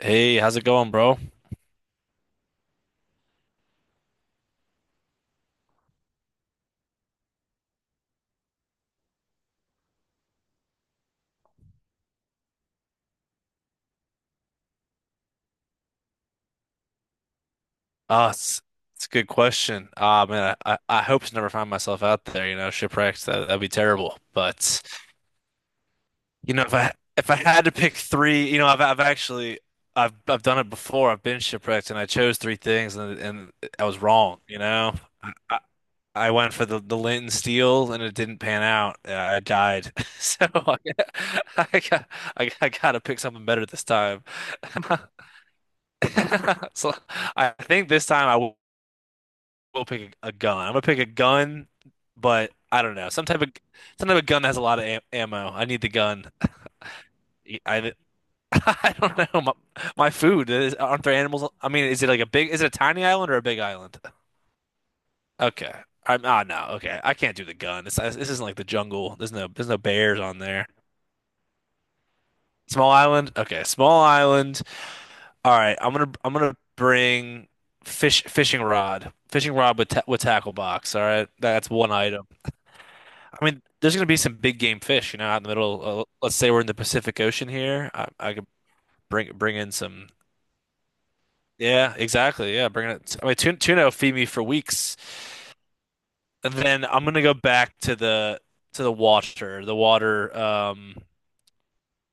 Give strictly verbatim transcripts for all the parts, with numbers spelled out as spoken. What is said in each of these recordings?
Hey, how's it going, bro? Uh, it's, it's a good question. Ah, man, I, I, I hope to never find myself out there, you know, shipwrecks. That, that'd be terrible. But, you know, if I if I had to pick three, you know, I've I've actually I've I've done it before. I've been shipwrecked and I chose three things and and I was wrong, you know. I, I I went for the the lint and steel and it didn't pan out. Uh, I died. So I, I got I, I gotta pick something better this time. So I think this time I will pick a, a gun. I'm gonna pick a gun, but I don't know. Some type of some type of gun that has a lot of am ammo. I need the gun. I, I don't know. My, my food is, aren't there animals? I mean, is it like a big? Is it a tiny island or a big island? Okay. I'm ah No. Okay, I can't do the gun. This this isn't like the jungle. There's no there's no bears on there. Small island. Okay, small island. All right. I'm gonna I'm gonna bring fish fishing rod. Fishing rod with ta with tackle box. All right. That's one item. I mean, there's going to be some big game fish, you know, out in the middle. Uh, let's say we're in the Pacific Ocean here. I, I could bring bring in some. Yeah, exactly. Yeah, bring it. I mean, tuna, tuna will feed me for weeks, and then I'm going to go back to the to the water, the water um,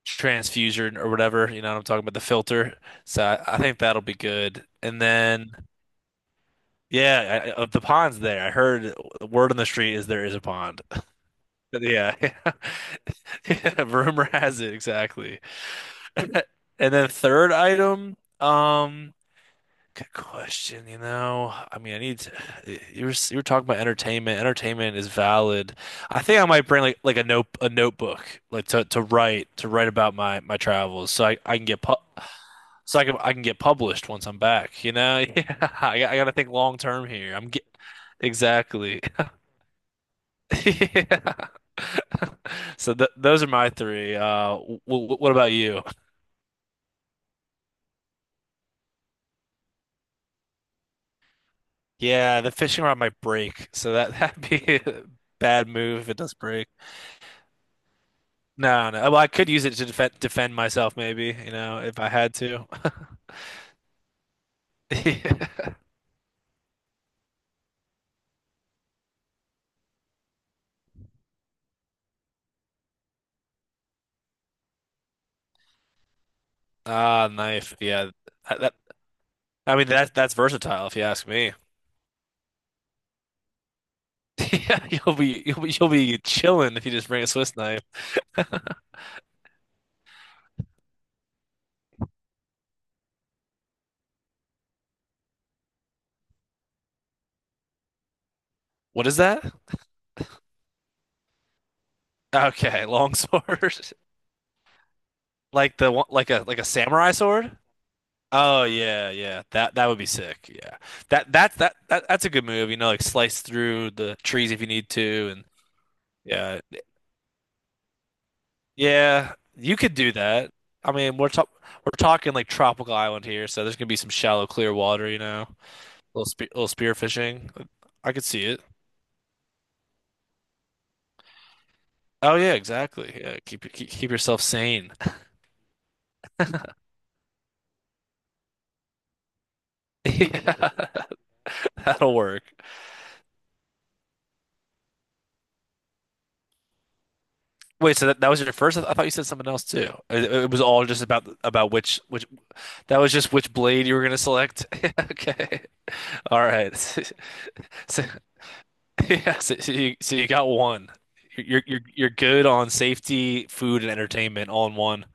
transfusion or whatever. You know, what I'm talking about the filter. So I, I think that'll be good. And then, yeah, I, I- of the ponds there, I heard the word on the street is there is a pond. Yeah, yeah. Rumor has it exactly. Uh, And then third item, um, good question, you know. I mean, I need to, you were you were talking about entertainment. Entertainment is valid. I think I might bring like like a note a notebook like to to write to write about my my travels so I I can get pu so I can I can get published once I'm back, you know? Yeah. I got, I got to think long term here. I'm get exactly. Yeah. So th those are my three. Uh, w w What about you? Yeah, the fishing rod might break, so that that'd be a bad move if it does break. No, no. Well, I could use it to defend defend myself, maybe, you know, if I had to. Ah, knife. Yeah, that, that- I mean that that's versatile if you ask me. Yeah, you'll be you'll be you'll be chilling if you just bring a Swiss knife. What is that? Okay, long sword, like the one, like a like a samurai sword. Oh yeah, yeah. That that would be sick. Yeah. That that's that, that that's a good move, you know, like slice through the trees if you need to and yeah. Yeah, you could do that. I mean, we're talk we're talking like tropical island here, so there's gonna be some shallow clear water, you know. Little spe little spear fishing. I could see it. Oh yeah, exactly. Yeah, keep keep, keep yourself sane. Yeah, that'll work. Wait, so that, that was your first? I thought you said something else too. It, it was all just about about which which That was just which blade you were going to select. Okay. All right. So, yeah, so, so you, so you got one. You're you're you're good on safety, food, and entertainment all in one.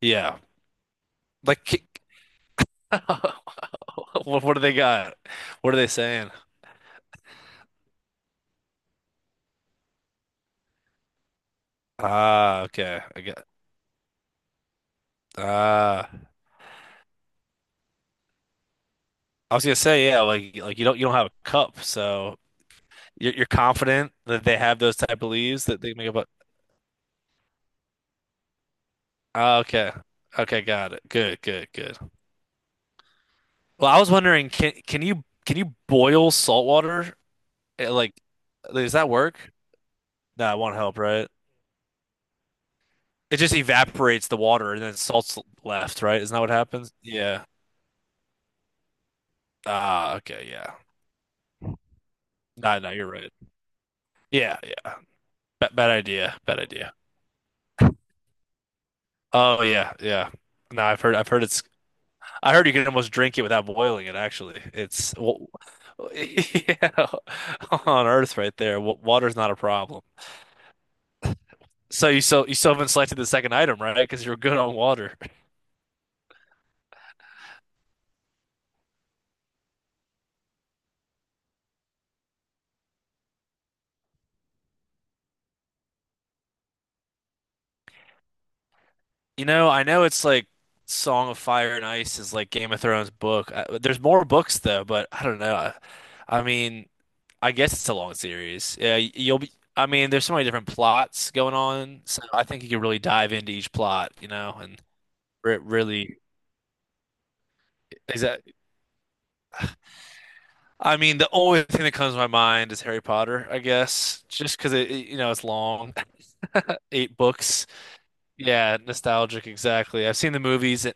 Yeah. Like ki- what what do they got? What are they saying? Ah, okay. I get ah I was gonna say, yeah, like like you don't you don't have a cup, so you're you're confident that they have those type of leaves that they make up. a- Ah, okay. Okay, got it. Good, good, good. Well, I was wondering, can can you can you boil salt water? Eh, like, does that work? That won't help, right? It just evaporates the water and then salt's left, right? Isn't that what happens? Yeah. Ah, okay, yeah. Nah, no, you're right. Yeah, yeah. Ba bad idea. Bad idea. Oh yeah, yeah. No, I've heard. I've heard it's. I heard you can almost drink it without boiling it. Actually, it's. Well, yeah, on Earth right there. wa- Water's not a problem. So you so you still haven't selected the second item, right? Because you're good on water. You know, I know it's like Song of Fire and Ice is like Game of Thrones book. I, there's more books though, but I don't know. I, I mean, I guess it's a long series. Yeah, y- you'll be. I mean, there's so many different plots going on, so I think you could really dive into each plot, you know, and re really is that. I mean, the only thing that comes to my mind is Harry Potter, I guess, just because it, it- you know, it's long, eight books. Yeah, nostalgic, exactly. I've seen the movies.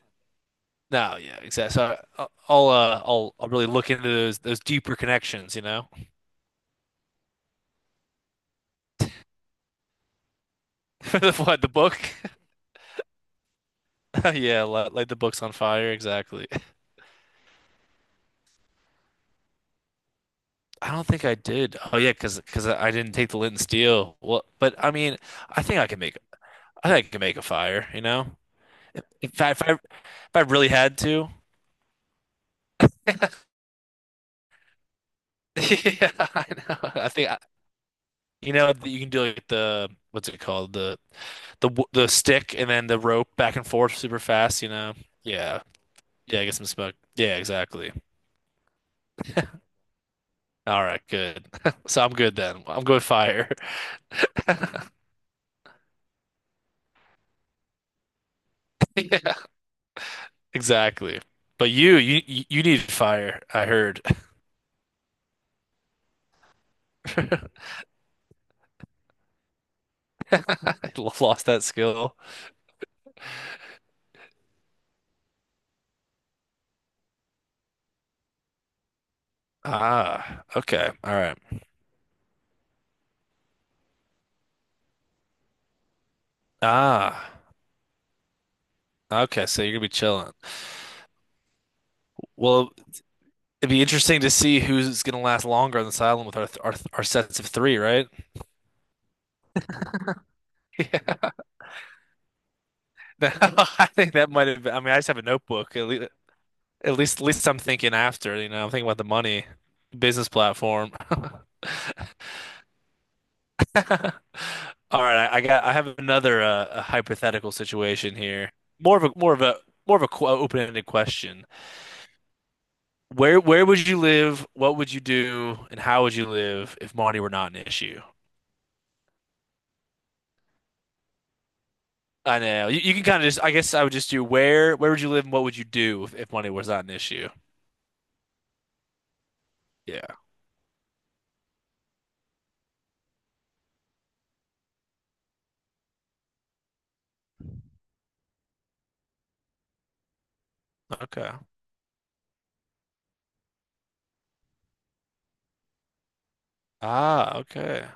No, yeah, exactly. So I- I'll uh, I'll I'll really look into those those deeper connections, you know, for the what the book. Yeah, light, light the books on fire. Exactly. I don't think I did. Oh yeah, because because I I didn't take the lint and steel. Well, but I mean, I think I can make I think I can make a fire. You know, if I if I, if I really had to. Yeah, I know. I think I, you know you can do like the what's it called the the w- the stick and then the rope back and forth super fast. You know. Yeah. Yeah, get some smoke. Yeah, exactly. All right, good. So I'm good then. I'm going fire. Yeah, exactly. But you, you, you you need fire. I heard. I lo- lost that skill. Ah, okay. All right. Ah, okay. So you're gonna be chilling. Well, it'd be interesting to see who's gonna last longer on this island with our our, our sets of three, right? Yeah. I think that might have. I mean, I just have a notebook. At least, At least, at least I'm thinking after, you know, I'm thinking about the money, business platform. All right, I, I got, I have another uh, a hypothetical situation here. More of a, more of a, more of a qu open-ended question. Where, where would you live? What would you do? And how would you live if money were not an issue? I know you, you can kind of just, I guess I would just do where, where would you live and what would you do if, if money was not an issue? Yeah. Okay. Ah, okay.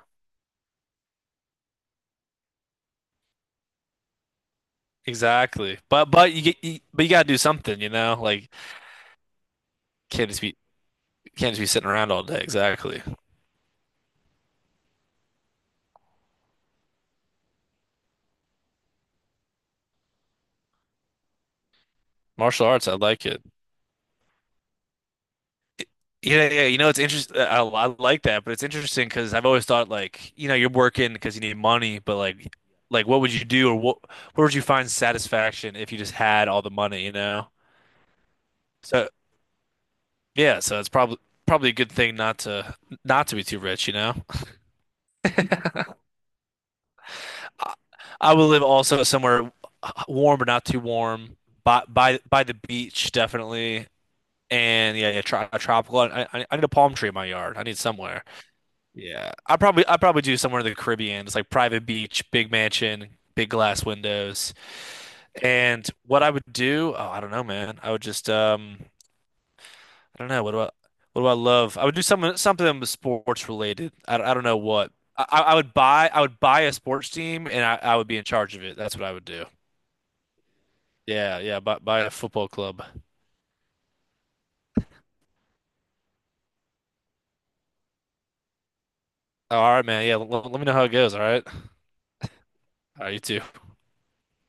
Exactly. But but you get you, but you gotta do something, you know? Like Can't just be can't just be sitting around all day. Exactly. Martial arts, I like it. Yeah, yeah. You know, it's interesting. I, I like that, but it's interesting because I've always thought like, you know, you're working because you need money, but like, like what would you do or what where would you find satisfaction if you just had all the money, you know? So yeah, so it's probably probably a good thing not to not to be too rich, you know? I, I would live also somewhere warm but not too warm, by by by the beach, definitely. And yeah, yeah, tro- a tropical. I, I I need a palm tree in my yard. I need somewhere. Yeah. I probably I probably do somewhere in the Caribbean. It's like private beach, big mansion, big glass windows. And what I would do, oh, I don't know, man. I would just um I don't know. What do I what do I love? I would do something something that was sports related. I, don't- I don't know what. I, I I would buy I would buy a sports team and I, I would be in charge of it. That's what I would do. Yeah, yeah, buy, buy a football club. All right, man. Yeah, l- let me know how it goes. All right. All right, you too.